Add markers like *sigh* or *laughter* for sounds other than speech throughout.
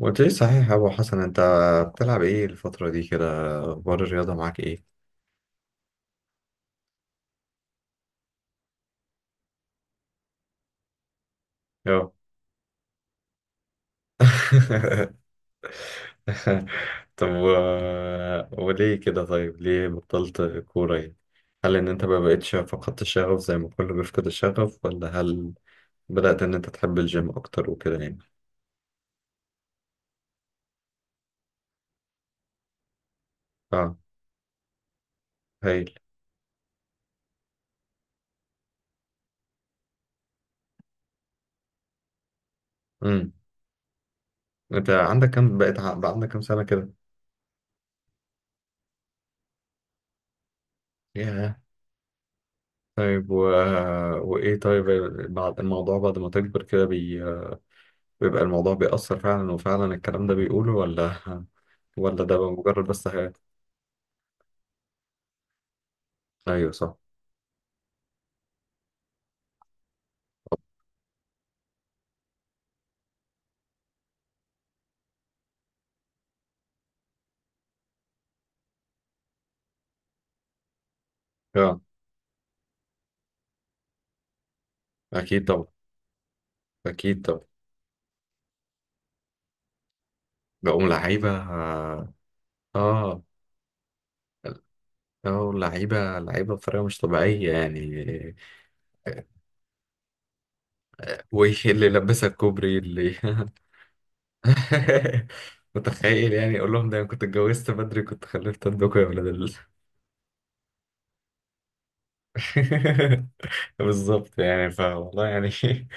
قلت لي صحيح يا ابو حسن، انت بتلعب ايه الفترة دي كده؟ اخبار الرياضة معاك ايه؟ اه. *laughs* طب، وليه كده طيب؟ ليه بطلت كورة يعني؟ هل ان انت ما بقتش فقدت الشغف زي ما كله بيفقد الشغف، ولا هل بدأت ان انت تحب الجيم اكتر وكده يعني؟ اه، هايل. امم. انت عندك كام بقى عندك كام سنة كده؟ ياه. طيب، وايه طيب، بعد الموضوع، بعد ما تكبر كده بيبقى الموضوع بيأثر فعلا وفعلا الكلام ده بيقوله، ولا ده بقى مجرد بس خيال؟ ايوه صح. اه. اكيد طبعا، اكيد طبعا. بقوا لعيبه. اه. اه، لعيبه لعيبه بطريقه مش طبيعيه يعني. واللي لبسها الكوبري اللي... *laughs* متخيل يعني؟ اقول لهم ده انا كنت اتجوزت بدري، كنت خلفت عندكم يا ولاد ال... *laughs* بالظبط يعني، فوالله يعني. *laughs*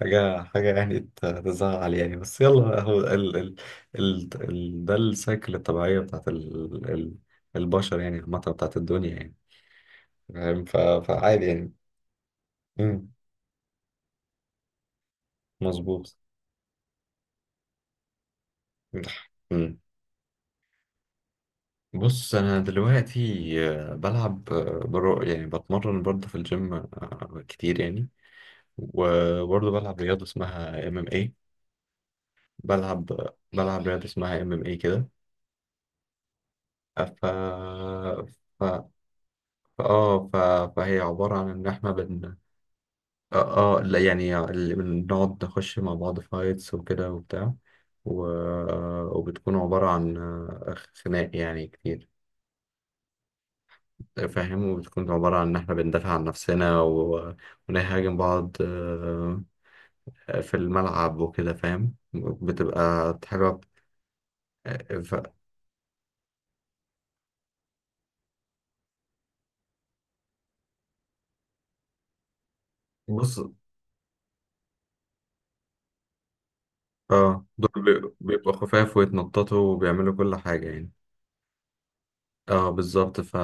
حاجة حاجة يعني تزعل يعني، بس يلا بقى، هو ال ال ال ال ده السايكل الطبيعية بتاعت ال ال البشر يعني، عامة بتاعت الدنيا يعني، فاهم؟ فعادي يعني. مم. مظبوط. مم. بص، أنا دلوقتي بلعب، برو يعني بتمرن برضه في الجيم كتير يعني، وبرضه بلعب رياضة اسمها MMA. بلعب بلعب رياضة اسمها ام ام اي كده. ف ف اه ف... فهي عبارة عن إن إحنا بن... اه، لا يعني، اللي بنقعد نخش مع بعض فايتس وكده وبتاع، و... وبتكون عبارة عن خناق يعني كتير، فاهم؟ وبتكون عبارة عن إن إحنا بندافع عن نفسنا، ونهاجم بعض في الملعب وكده، فاهم؟ بتبقى حاجة. ف... بص، اه، دول بيبقوا خفاف ويتنططوا وبيعملوا كل حاجة يعني. اه بالظبط.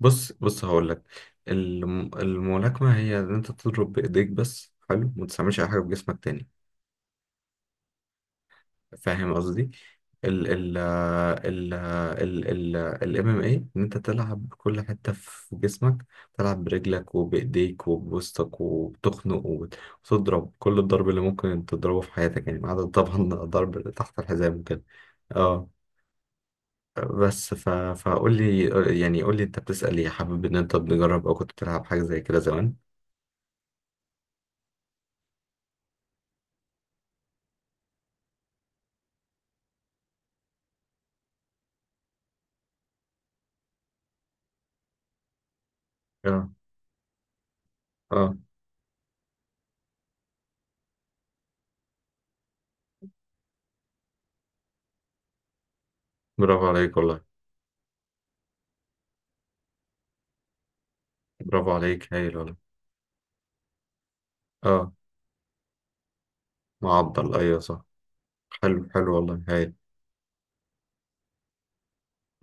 بص بص، هقول لك. الملاكمه هي ان انت تضرب بايديك بس، حلو؟ ما تستعملش اي حاجه بجسمك تاني، فاهم قصدي؟ ال ال ال ال ال الـMMA ان انت تلعب بكل حته في جسمك، تلعب برجلك وبايديك وبوسطك وبتخنق وتضرب كل الضرب اللي ممكن تضربه في حياتك يعني، ما عدا طبعا *laughs* الضرب اللي تحت الحزام وكده. آه. بس فقول لي يعني، قول لي، انت بتسأل ايه؟ حابب ان انت تجرب او كنت بتلعب حاجة زي كده زمان؟ اه، اه. برافو عليك والله. برافو عليك، هايل والله. اه. معضل، ايوه صح. حلو حلو والله، هايل.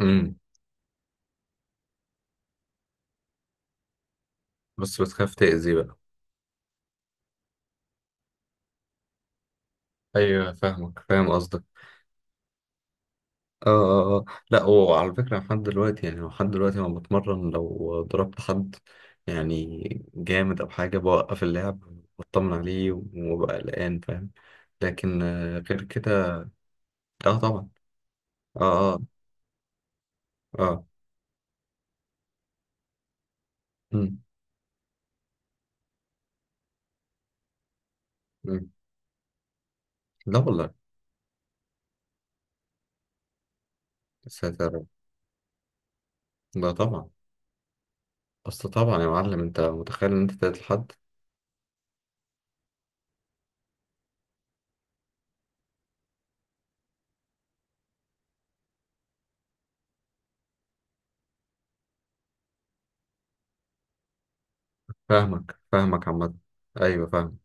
امم. بس بتخاف تأذي بقى. ايوه، فاهمك، فاهم قصدك. اه، اه، اه. لا، وعلى فكرة، لحد دلوقتي يعني، لحد دلوقتي لما بتمرن لو ضربت حد يعني جامد او حاجة بوقف اللعب واطمن عليه وببقى قلقان، فاهم؟ لكن غير كده. اه طبعا. اه، اه، اه. مم. مم. لا والله. يا ساتر يا رب. لا طبعا. اصل طبعا يا معلم، انت متخيل ان انت تقتل حد؟ فاهمك فاهمك عامة. ايوه، فاهم.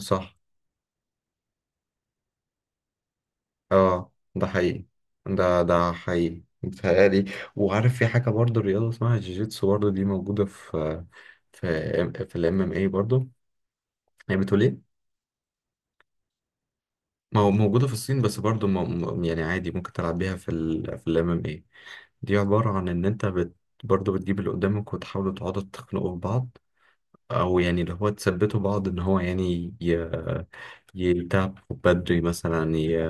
صح. اه، ده حقيقي. ده حقيقي متهيألي. وعارف، في حاجة برضه رياضة اسمها جيجيتسو برضه، دي موجودة في في الـMMA برضه. هي بتقول ايه؟ موجودة في الصين، بس برضه يعني عادي ممكن تلعب بيها في في الـMMA. دي عبارة عن إن أنت برضه بتجيب اللي قدامك وتحاولوا تقعدوا تخنقوا في بعض، أو يعني اللي هو تثبتوا بعض إن هو يعني يتعب بدري مثلا،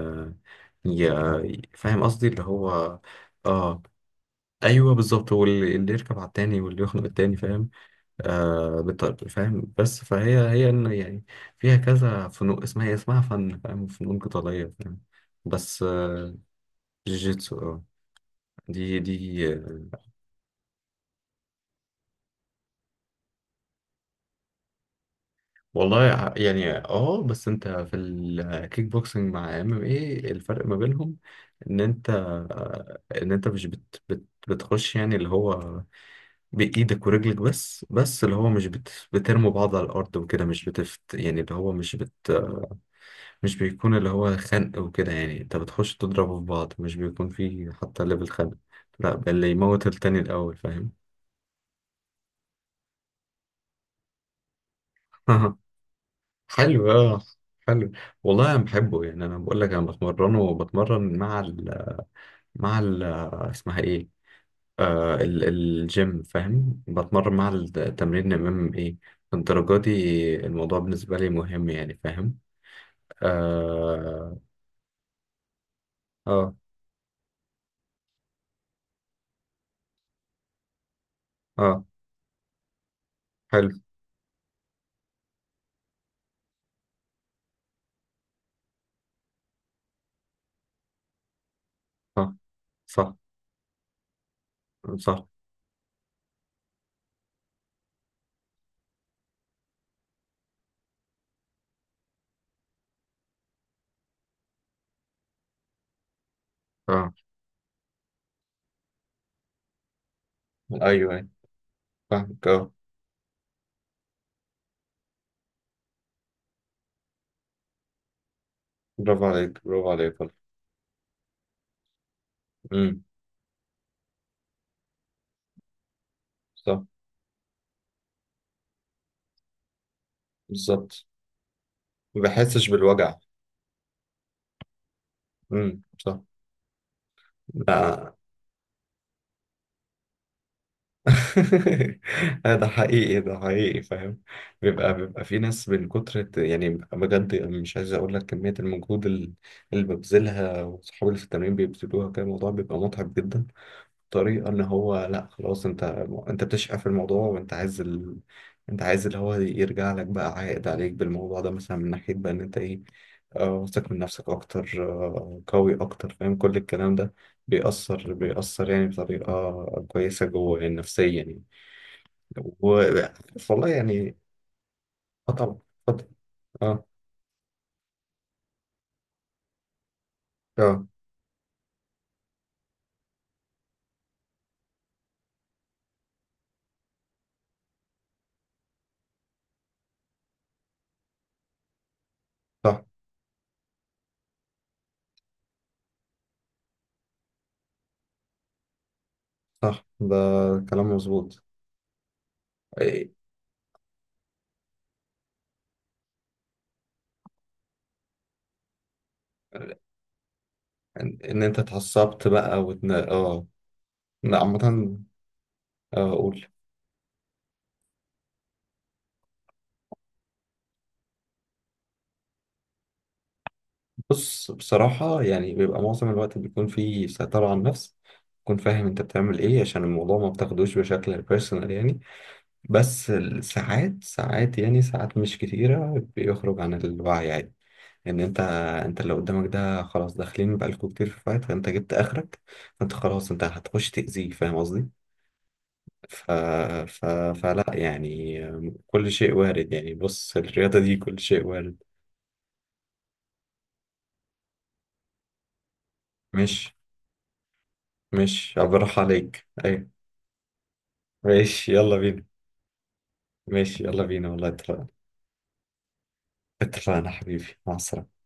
ي... فاهم قصدي اللي هو. آه، أيوه، بالظبط. واللي اللي يركب على التاني واللي يخنق التاني، فاهم؟ آه فاهم، بس فهي إن يعني فيها كذا فنون، اسمها، هي اسمها فن، فاهم؟ فنون قتالية فاهم. بس جيجيتسو آه. دي. والله، يعني اه، بس انت في الكيك بوكسنج مع MM، ايه الفرق ما بينهم؟ ان انت ان انت مش بت بت بتخش يعني اللي هو بايدك ورجلك بس اللي هو مش بترموا بعض على الارض وكده، مش بتفت يعني اللي هو مش بيكون اللي هو خنق وكده يعني، انت بتخش تضربوا في بعض، مش بيكون في حتى ليفل خنق، لا بل اللي يموت التاني الاول، فاهم؟ *laughs* حلو اه. حلو. والله انا بحبه يعني، انا بقول لك انا بتمرنه وبتمرن مع اسمها ايه، ال الجيم، فاهم؟ بتمرن مع التمرين امام ايه الدرجة دي، الموضوع بالنسبة لي مهم يعني، فاهم؟ اه، اه، اه. حلو اه. صح، صح. اه، ايوه، ايوه، فاهمك، اه. برافو عليك، برافو عليك والله. امم صح. بالظبط، ما بحسش بالوجع. صح. لا. *laughs* ده حقيقي، ده حقيقي، فاهم؟ بيبقى في ناس من كتر، يعني بجد، مش عايز اقول لك كمية المجهود اللي ببذلها وصحابي اللي في التمرين بيبذلوها، كان الموضوع بيبقى متعب جدا. طريقة ان هو، لا خلاص، انت بتشقى في الموضوع وانت عايز انت عايز اللي هو يرجع لك بقى عائد عليك بالموضوع ده، مثلا من ناحية بقى ان انت ايه، واثق من نفسك اكتر، قوي اكتر، فاهم؟ كل الكلام ده بيأثر يعني بطريقة كويسة جوه يعني نفسيا يعني. و والله يعني. اه طبعا، اتفضل. اه، اه. صح، صح، ده كلام مظبوط. إيه، إن انت اتعصبت بقى، اه. لا، عامة اقول. بص، بصراحة يعني، بيبقى معظم الوقت بيكون فيه سيطرة على النفس، تكون فاهم انت بتعمل ايه، عشان الموضوع ما بتاخدوش بشكل بيرسونال يعني. بس ساعات، ساعات يعني، ساعات مش كتيرة بيخرج عن الوعي عادي، ان انت انت اللي قدامك ده خلاص، داخلين بقالكوا كتير في فايت، فانت جبت اخرك، فانت خلاص انت هتخش تأذيه، فاهم قصدي؟ ف... ف... فلا يعني، كل شيء وارد يعني، بص الرياضة دي كل شيء وارد. مش مش أبرح عليك، ايوه. ماشي، يلا بينا. ماشي، يلا بينا والله، اتفقنا. اتفقنا حبيبي، مع السلامة.